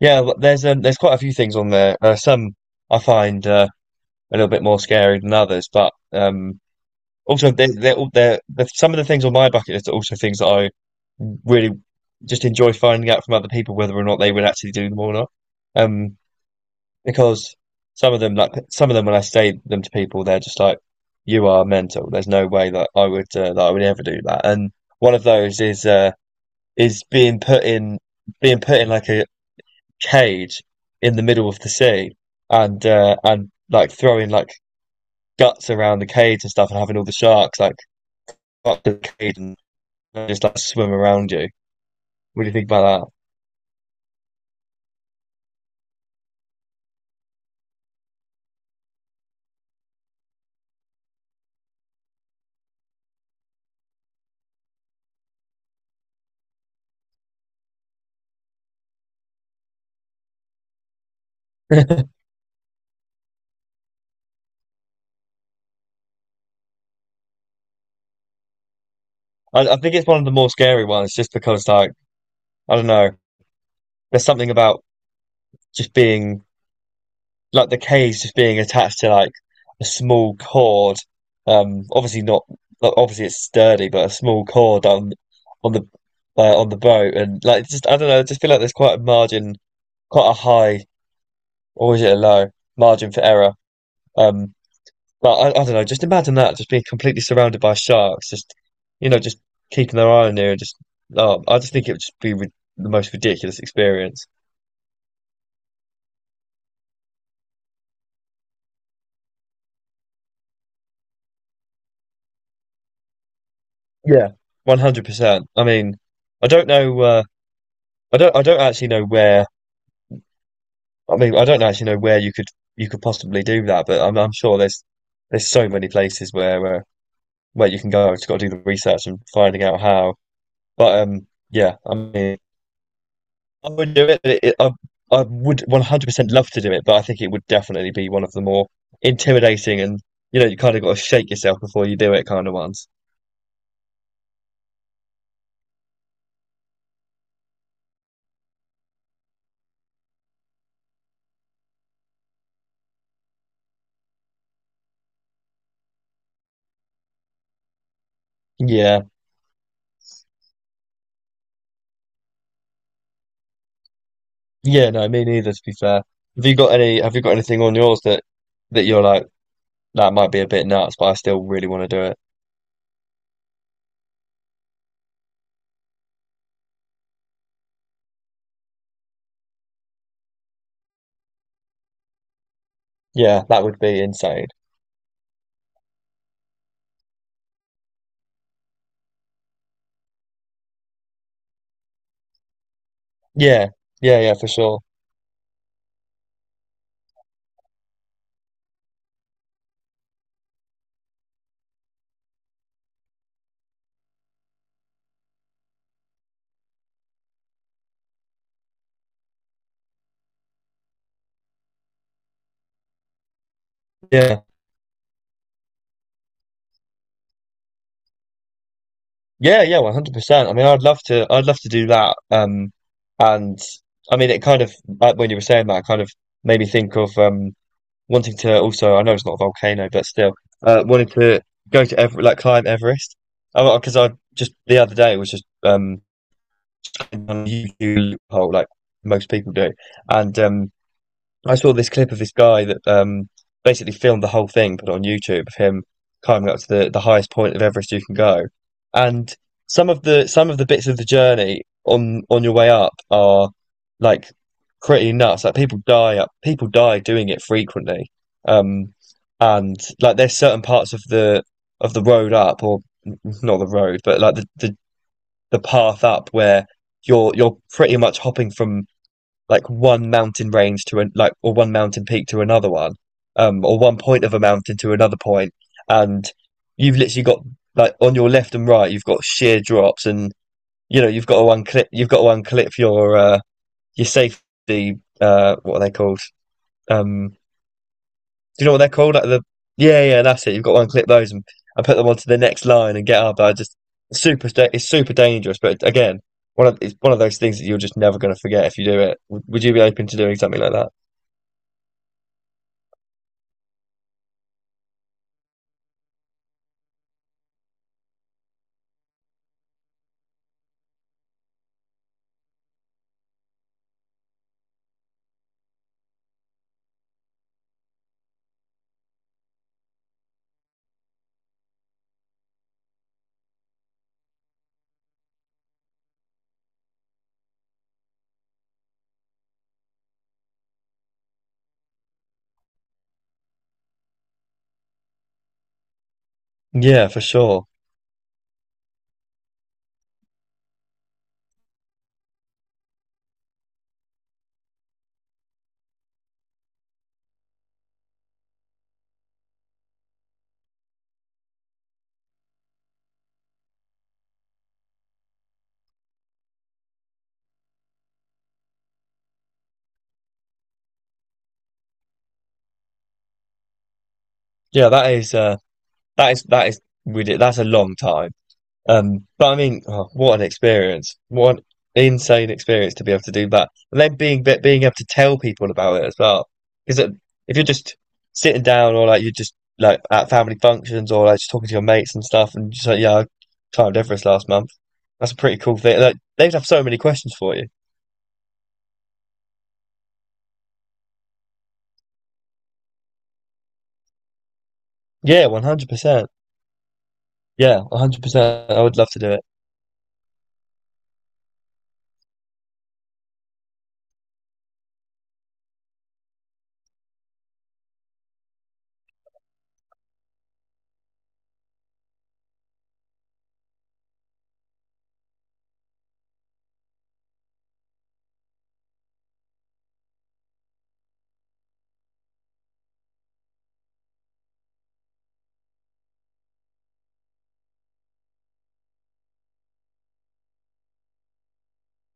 Yeah, but there's quite a few things on there. Some I find a little bit more scary than others, but also they they're, all- they're some of the things on my bucket list are also things that I really just enjoy finding out from other people whether or not they would actually do them or not. Um, because some of them, like when I say them to people, they're just like, "You are mental. There's no way that I would ever do that." And one of those is being put in like a cage in the middle of the sea and like throwing like guts around the cage and stuff and having all the sharks like up the cage and just like swim around you. What do you think about that? I think it's one of the more scary ones just because like I don't know, there's something about just being like the cage just being attached to like a small cord. Obviously not. Obviously it's sturdy, but a small cord on the on the boat, and like just I don't know. I just feel like there's quite a margin, quite a high, or is it a low margin for error? Um, but I don't know. Just imagine that just being completely surrounded by sharks, just keeping their eye on you, and just oh, I just think it would just be the most ridiculous experience. Yeah, 100%. I mean, I don't know. I don't I don't actually know where I mean I don't actually know where you could possibly do that, but I'm sure there's so many places where you can go. Just got to do the research and finding out how. But yeah, I mean I would do it. I would 100% love to do it, but I think it would definitely be one of the more intimidating and you know you kind of got to shake yourself before you do it kind of ones. Yeah. Yeah, no, me neither to be fair. Have you got anything on yours that that you're like that might be a bit nuts, but I still really want to do it? Yeah, that would be insane. Yeah, yeah, yeah, for sure. Yeah, yeah, yeah, 100%. I mean, I'd love to do that. And I mean, it kind of like when you were saying that, it kind of made me think of wanting to also. I know it's not a volcano, but still, wanting to go to Ever like climb Everest. Because I just the other day was just on YouTube hole like most people do, and I saw this clip of this guy that basically filmed the whole thing, put it on YouTube of him climbing up to the highest point of Everest you can go. And some of the bits of the journey on your way up are like pretty nuts. Like people die doing it frequently. Um, and like there's certain parts of the road up, or not the road, but like the path up where you're pretty much hopping from like one mountain range to an like or one mountain peak to another one, or one point of a mountain to another point, and you've literally got like on your left and right, you've got sheer drops, and you know you've got to unclip your safety, what are they called? Um, do you know what they're called? Like the Yeah, yeah, that's it. You've got one clip those and put them onto the next line and get up. I just super, sta- It's super dangerous. But again, one of it's one of those things that you're just never going to forget if you do it. Would you be open to doing something like that? Yeah, for sure. Yeah, that is ridiculous. That's a long time. But I mean, oh, what an experience! What an insane experience to be able to do that, and then being able to tell people about it as well. Because if you're just sitting down, or like you're just like at family functions, or like just talking to your mates and stuff, and just like, yeah, I climbed Everest last month. That's a pretty cool thing. Like they'd have so many questions for you. Yeah, 100%. Yeah, 100%. I would love to do it.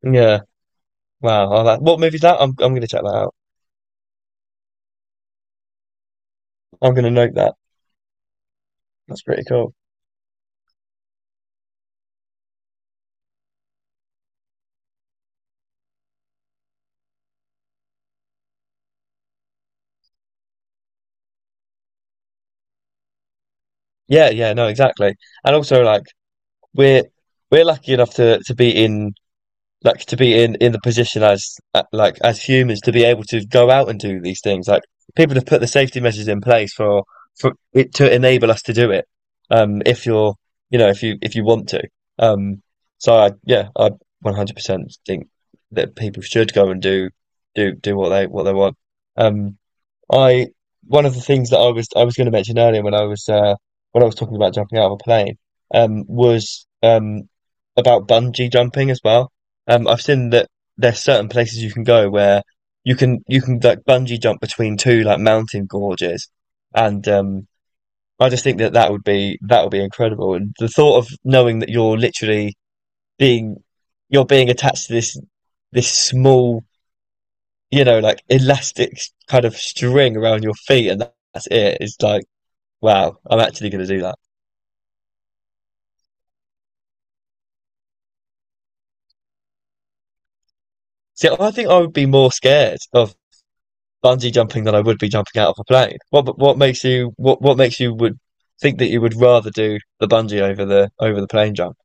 Yeah. Wow. I Like, what movie's that? I'm gonna check that out. I'm gonna note that. That's pretty cool. Yeah. Yeah. No. Exactly. And also like we're we're lucky enough to be in the position as humans to be able to go out and do these things. Like people have put the safety measures in place for it to enable us to do it. If you're you know if you want to. Um, so I, yeah, I 100% think that people should go and do what they want. Um, I one of the things that I was going to mention earlier when I was talking about jumping out of a plane was about bungee jumping as well. I've seen that there's certain places you can go where you can like bungee jump between two like mountain gorges, and I just think that that would be incredible. And the thought of knowing that you're literally being being attached to this small, like elastic kind of string around your feet, and that's it. It's like, wow, I'm actually going to do that. See, I think I would be more scared of bungee jumping than I would be jumping out of a plane. What makes you what makes you would think that you would rather do the bungee over the plane jump?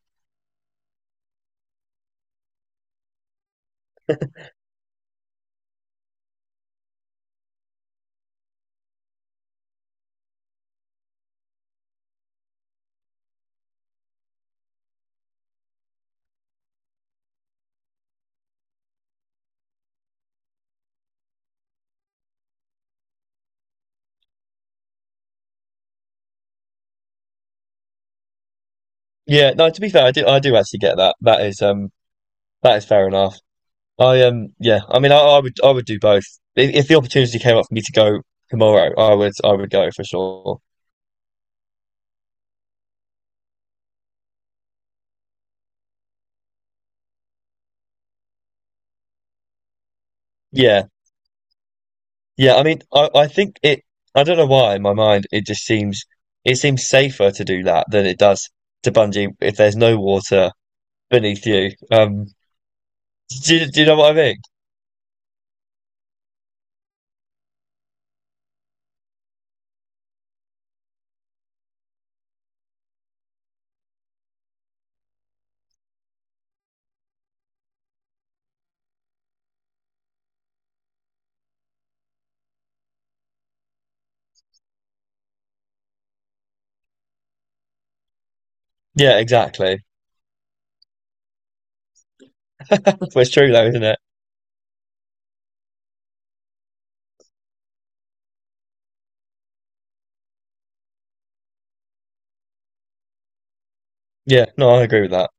Yeah, no, to be fair, I do actually get that. That is fair enough. I Yeah, I mean I would do both. If the opportunity came up for me to go tomorrow, I would go for sure. Yeah, yeah, I mean, I think I don't know why in my mind it seems safer to do that than it does to bungee if there's no water beneath you. Do you know what I mean? Yeah, exactly. It's true though, isn't it? Yeah, no, I agree with that.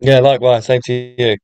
Yeah, likewise, same to you.